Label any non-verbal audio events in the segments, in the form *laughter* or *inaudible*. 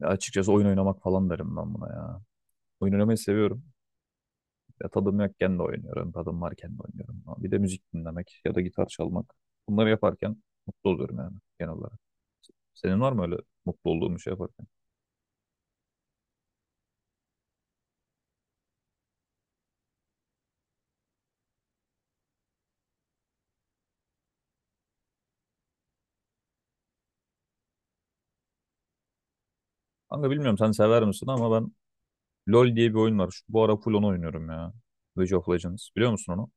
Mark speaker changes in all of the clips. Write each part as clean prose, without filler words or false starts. Speaker 1: Ya açıkçası oyun oynamak falan derim ben buna ya. Oyun oynamayı seviyorum. Ya tadım yokken de oynuyorum. Tadım varken de oynuyorum. Bir de müzik dinlemek ya da gitar çalmak. Bunları yaparken mutlu oluyorum yani genel olarak. Senin var mı öyle mutlu olduğun bir şey yaparken? Kanka bilmiyorum sen sever misin ama ben LoL diye bir oyun var. Şu, bu ara full onu oynuyorum ya. League of Legends. Biliyor musun onu?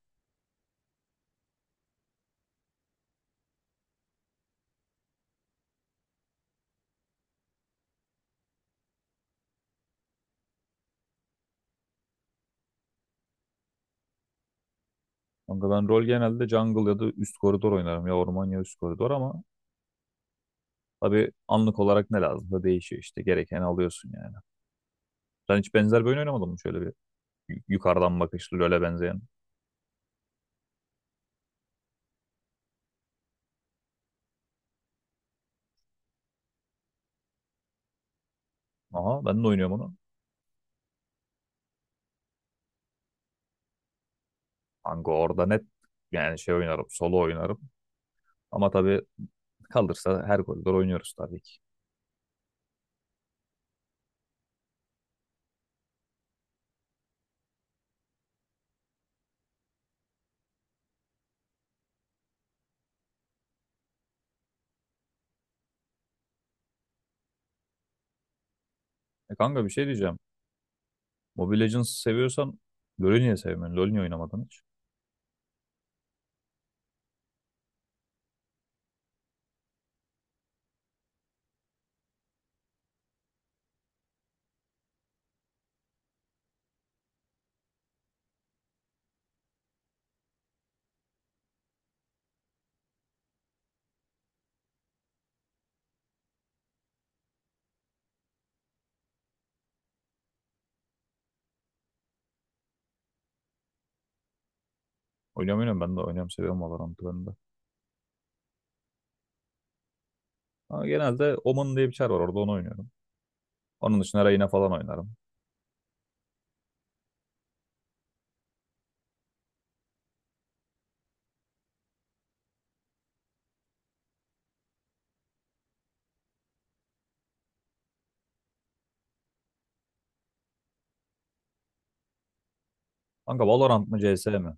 Speaker 1: Kanka ben LoL genelde jungle ya da üst koridor oynarım. Ya orman ya üst koridor ama tabii anlık olarak ne lazım da değişiyor işte. Gerekeni alıyorsun yani. Sen hiç benzer bir oyun oynamadın mı şöyle bir? Yukarıdan bakışlı LoL'e benzeyen. Aha ben de oynuyorum onu. Kanka orada net yani şey oynarım, solo oynarım. Ama tabii kalırsa her koridor oynuyoruz tabii ki. E kanka bir şey diyeceğim. Mobile Legends seviyorsan LoL'ü niye sevmiyorsun? LoL niye oynamadın hiç? Oynuyorum oynuyorum, ben de oynuyorum, seviyorum Valorant'ı ben de. Ama genelde Omen diye bir çar var orada, onu oynuyorum. Onun dışında Reyna falan oynarım. Kanka Valorant mı CS mi?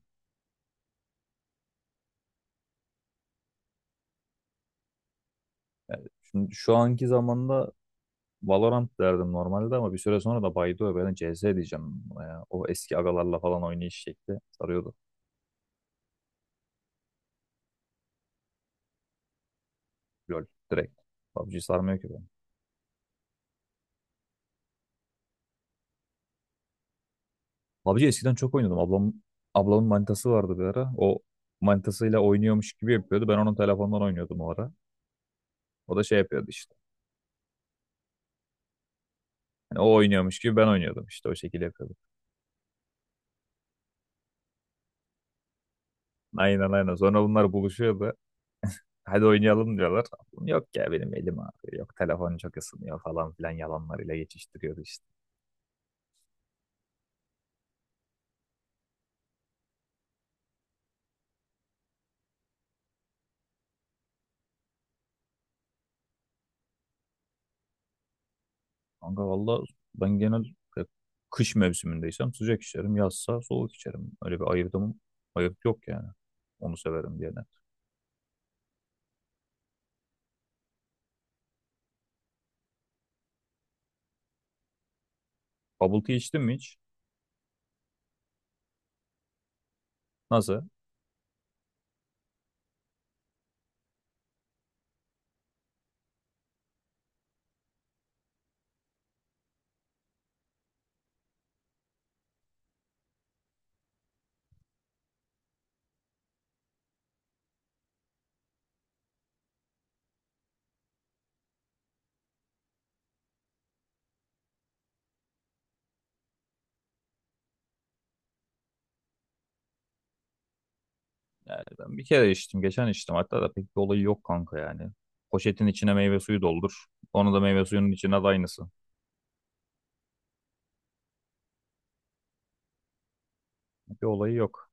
Speaker 1: Şimdi şu anki zamanda Valorant derdim normalde ama bir süre sonra da baydı, ben CS diyeceğim buna. Ya, o eski agalarla falan oynayış şekli sarıyordu. LOL direkt. PUBG sarmıyor ki ben. PUBG eskiden çok oynuyordum. Ablam, ablamın manitası vardı bir ara. O manitasıyla oynuyormuş gibi yapıyordu. Ben onun telefonundan oynuyordum o ara. O da şey yapıyordu işte. Hani o oynuyormuş gibi ben oynuyordum, işte o şekilde yapıyordum. Aynen aynen. Sonra bunlar buluşuyordu. Hadi oynayalım diyorlar. Yok ya benim elim ağrıyor. Yok telefon çok ısınıyor falan filan yalanlarıyla geçiştiriyordu işte. Kanka valla ben genel e, kış mevsimindeysem sıcak içerim, yazsa soğuk içerim. Öyle bir ayırdım, ayırt yok yani. Onu severim diye. Bubble tea içtin mi hiç? Nasıl? Yani ben bir kere içtim, geçen içtim. Hatta da pek bir olayı yok kanka yani. Poşetin içine meyve suyu doldur. Onu da meyve suyunun içine de aynısı. Bir olayı yok.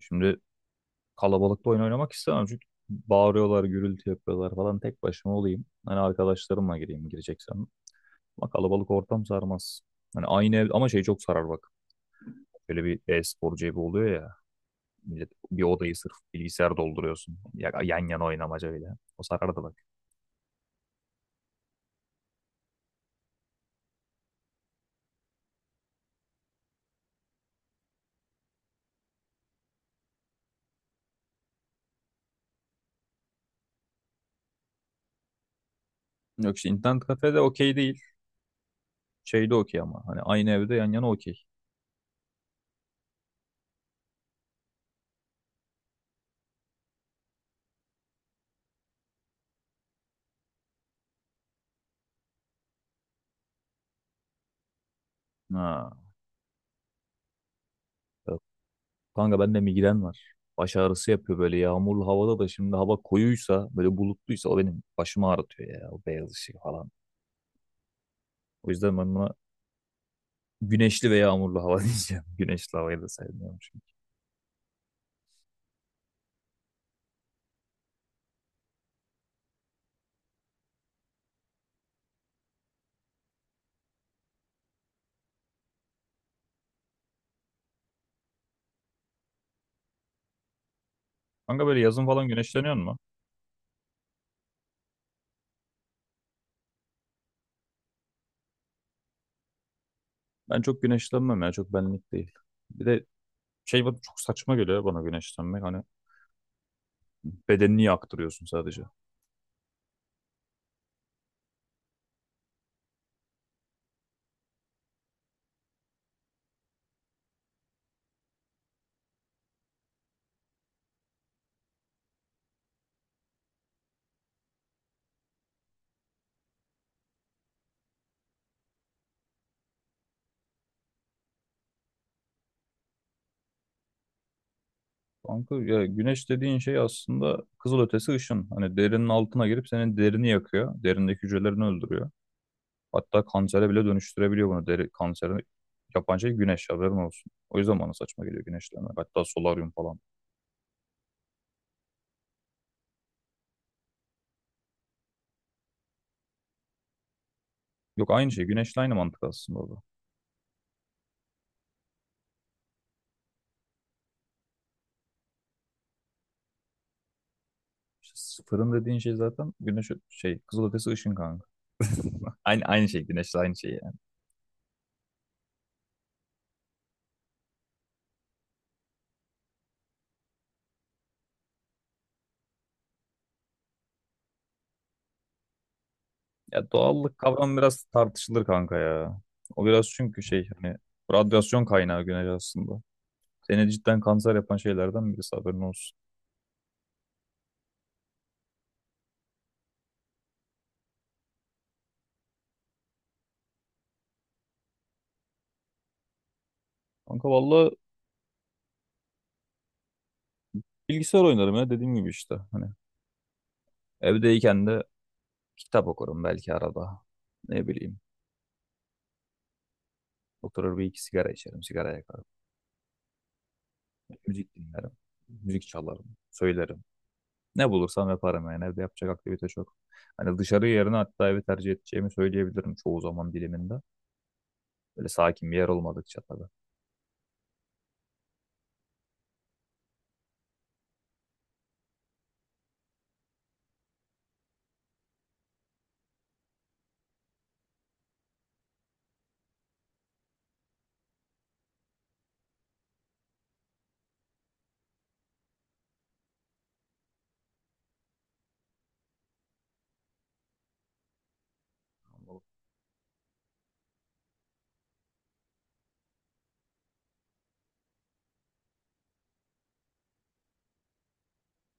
Speaker 1: Şimdi kalabalıkta oyun oynamak istemem çünkü bağırıyorlar, gürültü yapıyorlar falan. Tek başıma olayım. Hani arkadaşlarımla gireyim gireceksem. Ama kalabalık ortam sarmaz. Hani aynı ev ama şey çok sarar bak. Şöyle bir e-spor cebi oluyor ya. Bir odayı sırf bilgisayar dolduruyorsun. Yan yana oynamaca bile. O sarardı bak. Yok işte internet kafede okey değil. Şeyde okey ama. Hani aynı evde yan yana okey. Ha. Yok. Kanka bende migren var. Baş ağrısı yapıyor böyle yağmurlu havada da, şimdi hava koyuysa böyle bulutluysa o benim başımı ağrıtıyor ya, o beyaz ışık falan. O yüzden ben buna güneşli ve yağmurlu hava *laughs* diyeceğim. Güneşli havayı da sevmiyorum çünkü. Kanka böyle yazın falan güneşleniyor mu? Ben çok güneşlenmem ya, çok benlik değil. Bir de şey, bana çok saçma geliyor ya bana güneşlenmek. Hani bedenini yaktırıyorsun sadece. Kanka ya güneş dediğin şey aslında kızılötesi ışın. Hani derinin altına girip senin derini yakıyor. Derindeki hücrelerini öldürüyor. Hatta kansere bile dönüştürebiliyor bunu. Deri kanseri yapan şey güneş, haberin olsun. O yüzden bana saçma geliyor güneşlenmek. Hatta solaryum falan. Yok aynı şey. Güneşle aynı mantık aslında orada. İşte sıfırın dediğin şey zaten güneş, şey, kızılötesi ışın kanka. *laughs* Aynı, aynı şey, güneşle aynı şey. Ya doğallık kavramı biraz tartışılır kanka ya. O biraz çünkü şey hani radyasyon kaynağı güneş aslında. Seni cidden kanser yapan şeylerden birisi, haberin olsun. Kanka valla bilgisayar oynarım ya, dediğim gibi işte. Hani evdeyken de kitap okurum belki arada. Ne bileyim. Oturur bir iki sigara içerim, sigara yakarım. Müzik dinlerim. Müzik çalarım, söylerim. Ne bulursam yaparım yani, evde yapacak aktivite çok. Hani dışarı yerine hatta evi tercih edeceğimi söyleyebilirim çoğu zaman diliminde. Böyle sakin bir yer olmadıkça tabii.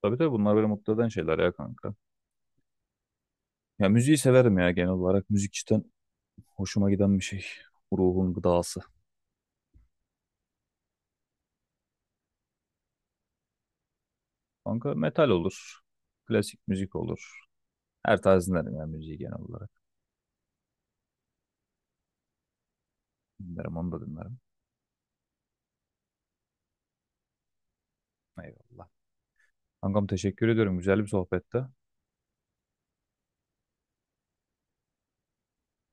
Speaker 1: Tabii tabii, bunlar beni mutlu eden şeyler ya kanka. Ya müziği severim ya, genel olarak. Müzik cidden hoşuma giden bir şey. Ruhun gıdası. Kanka metal olur. Klasik müzik olur. Her tarz dinlerim ya müziği, genel olarak. Dinlerim, onu da dinlerim. Eyvallah. Kankam teşekkür ediyorum. Güzel bir sohbette.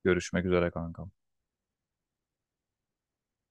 Speaker 1: Görüşmek üzere kankam.